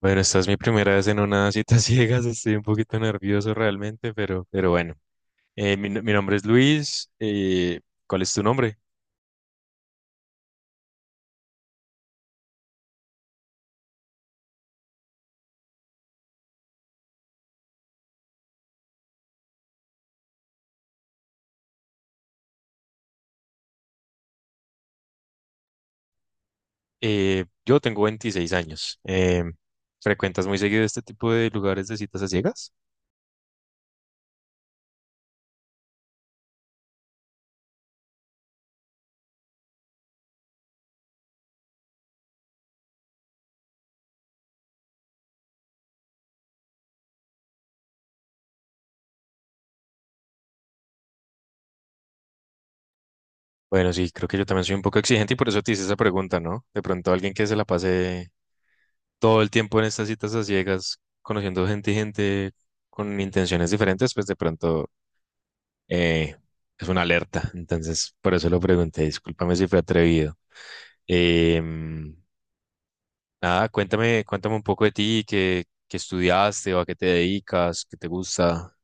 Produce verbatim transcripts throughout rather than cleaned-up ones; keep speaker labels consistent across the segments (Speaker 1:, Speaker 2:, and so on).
Speaker 1: Bueno, esta es mi primera vez en una cita ciegas, estoy un poquito nervioso realmente, pero, pero bueno. Eh, mi, no- Mi nombre es Luis, eh, ¿cuál es tu nombre? Eh, yo tengo veintiséis años. Eh, ¿frecuentas muy seguido este tipo de lugares de citas a ciegas? Bueno, sí, creo que yo también soy un poco exigente y por eso te hice esa pregunta, ¿no? De pronto alguien que se la pase todo el tiempo en estas citas a ciegas, conociendo gente y gente con intenciones diferentes, pues de pronto eh, es una alerta, entonces por eso lo pregunté, discúlpame si fue atrevido. Em, Nada, cuéntame, cuéntame un poco de ti, qué, qué estudiaste o a qué te dedicas, qué te gusta.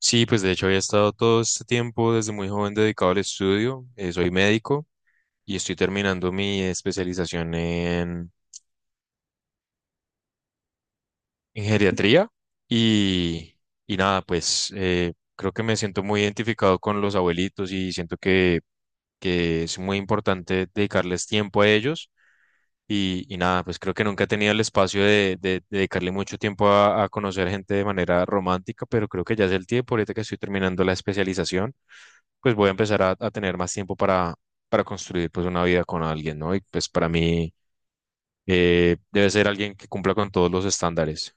Speaker 1: Sí, pues de hecho había estado todo este tiempo desde muy joven dedicado al estudio, eh, soy médico y estoy terminando mi especialización en, en geriatría y, y nada, pues eh, creo que me siento muy identificado con los abuelitos y siento que que es muy importante dedicarles tiempo a ellos. Y, y nada, pues creo que nunca he tenido el espacio de, de- de dedicarle mucho tiempo a, a conocer gente de manera romántica, pero creo que ya es el tiempo, ahorita que estoy terminando la especialización, pues voy a empezar a, a tener más tiempo para, para construir pues una vida con alguien, ¿no? Y pues para mí eh, debe ser alguien que cumpla con todos los estándares.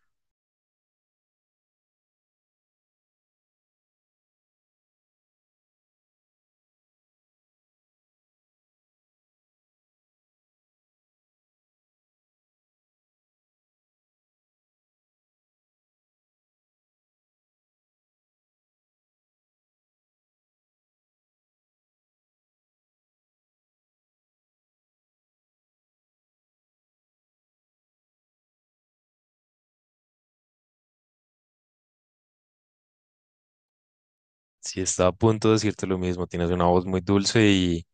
Speaker 1: Si está a punto de decirte lo mismo, tienes una voz muy dulce y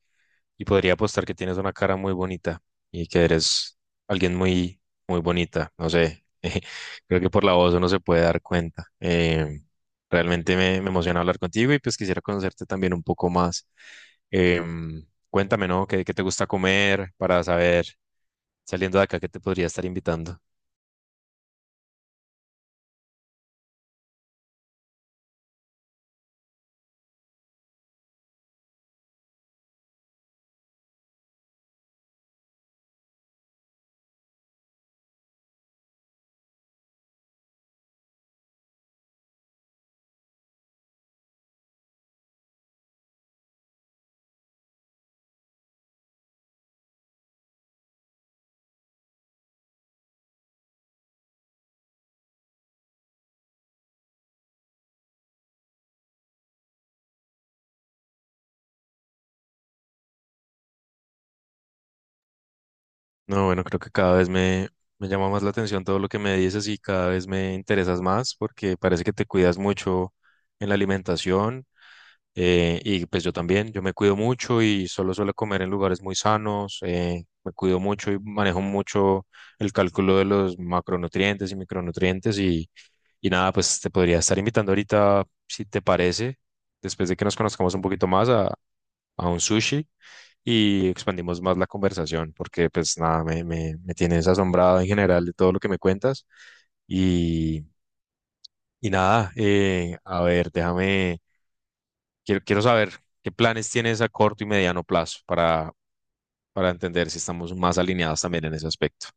Speaker 1: Y podría apostar que tienes una cara muy bonita y que eres alguien muy, muy bonita. No sé, creo que por la voz uno se puede dar cuenta. Eh, realmente me, me emociona hablar contigo y pues quisiera conocerte también un poco más. Em, cuéntame, ¿no? ¿Qué, qué te gusta comer para saber, saliendo de acá, qué te podría estar invitando? No, bueno, creo que cada vez me, me llama más la atención todo lo que me dices y cada vez me interesas más porque parece que te cuidas mucho en la alimentación eh, y pues yo también, yo me cuido mucho y solo suelo comer en lugares muy sanos, eh, me cuido mucho y manejo mucho el cálculo de los macronutrientes y micronutrientes y nada, pues te podría estar invitando ahorita, si te parece, después de que nos conozcamos un poquito más a, a un sushi y expandimos más la conversación, porque pues nada, me, me, me tienes asombrado en general de todo lo que me cuentas. Y, y nada, eh, a ver, déjame, quiero, quiero saber qué planes tienes a corto y mediano plazo para, para entender si estamos más alineados también en ese aspecto.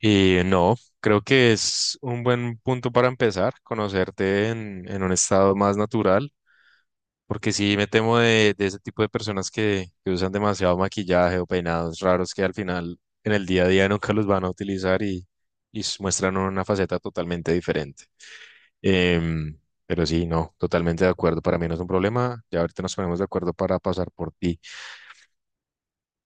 Speaker 1: Y no, creo que es un buen punto para empezar, conocerte en, en un estado más natural, porque sí me temo de, de ese tipo de personas que, que usan demasiado maquillaje o peinados raros que al final en el día a día nunca los van a utilizar y, y s- muestran una faceta totalmente diferente. Em, pero sí, no, totalmente de acuerdo. Para mí no es un problema. Ya ahorita nos ponemos de acuerdo para pasar por ti.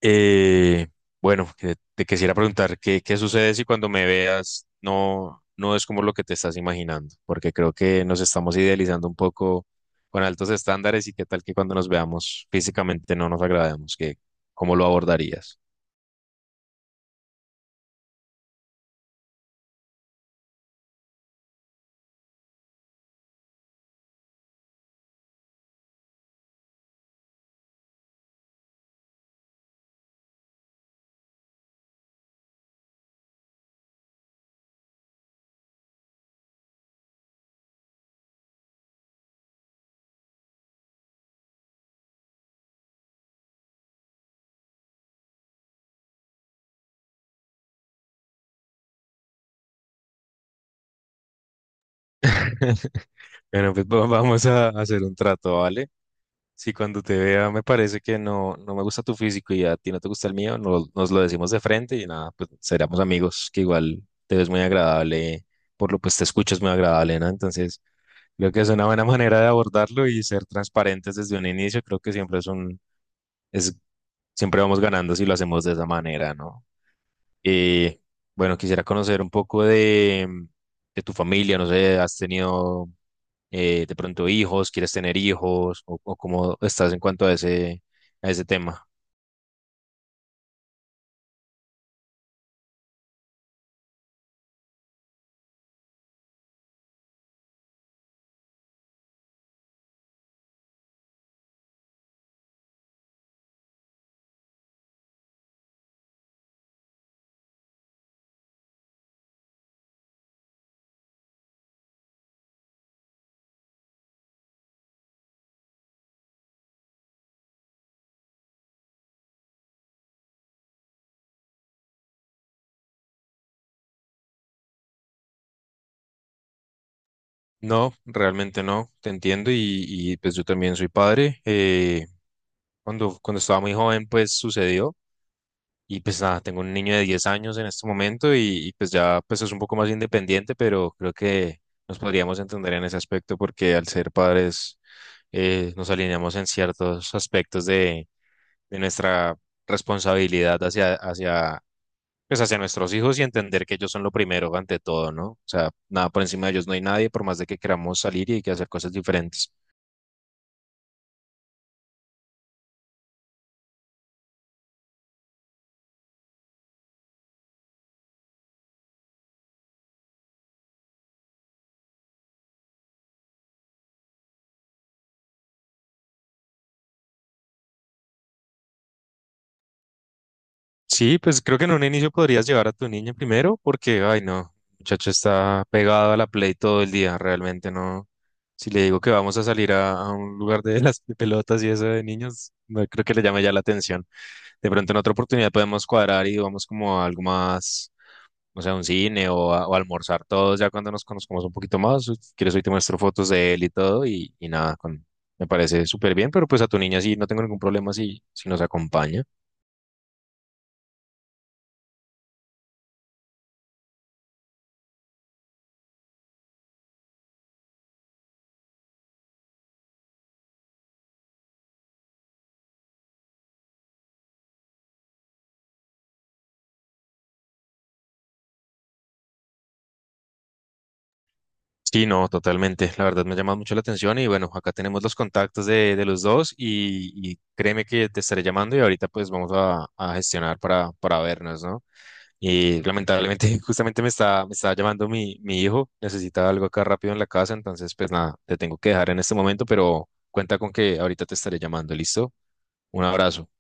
Speaker 1: Eh, bueno, que- Te quisiera preguntar qué, qué sucede si cuando me veas no, no es como lo que te estás imaginando, porque creo que nos estamos idealizando un poco con altos estándares y qué tal que cuando nos veamos físicamente no nos agrademos, que, ¿cómo lo abordarías? Bueno, pues va- vamos a hacer un trato, ¿vale? Si cuando te vea me parece que no, no me gusta tu físico y a ti no te gusta el mío, no- nos lo decimos de frente y nada, pues seremos amigos, que igual te ves muy agradable, por lo pues te escuchas muy agradable, ¿no? Entonces, creo que es una buena manera de abordarlo y ser transparentes desde un inicio, creo que siempre es un, es, siempre vamos ganando si lo hacemos de esa manera, ¿no? Y bueno, quisiera conocer un poco de, de tu familia, no sé, has tenido eh, de pronto hijos, quieres tener hijos o, o cómo estás en cuanto a ese, a ese tema. No, realmente no, te entiendo y, y, pues yo también soy padre. Eh, cuando, cuando estaba muy joven pues sucedió y pues nada, tengo un niño de diez años en este momento y, y, pues ya pues es un poco más independiente, pero creo que nos podríamos entender en ese aspecto porque al ser padres eh, nos alineamos en ciertos aspectos de, de nuestra responsabilidad hacia, hacia pues hacia nuestros hijos y entender que ellos son lo primero ante todo, ¿no? O sea, nada por encima de ellos no hay nadie, por más de que queramos salir y que hacer cosas diferentes. Sí, pues creo que en un inicio podrías llevar a tu niña primero porque, ay, no, el muchacho está pegado a la Play todo el día, realmente no. Si le digo que vamos a salir a, a un lugar de las pelotas y eso de niños, no creo que le llame ya la atención. De pronto en otra oportunidad podemos cuadrar y vamos como a algo más no sea un cine o, a- o almorzar todos ya cuando nos conozcamos un poquito más. Si quieres, hoy te muestro fotos de él y todo y, y nada, con, me parece súper bien, pero pues a tu niña sí, no tengo ningún problema si, si nos acompaña. Sí, no, totalmente. La verdad me ha llamado mucho la atención y bueno, acá tenemos los contactos de, de los dos y, y créeme que te estaré llamando y ahorita pues vamos a, a gestionar para, para vernos, ¿no? Y lamentablemente justamente me está, me está llamando mi, mi hijo, necesita algo acá rápido en la casa, entonces pues nada, te tengo que dejar en este momento, pero cuenta con que ahorita te estaré llamando, ¿listo? Un abrazo.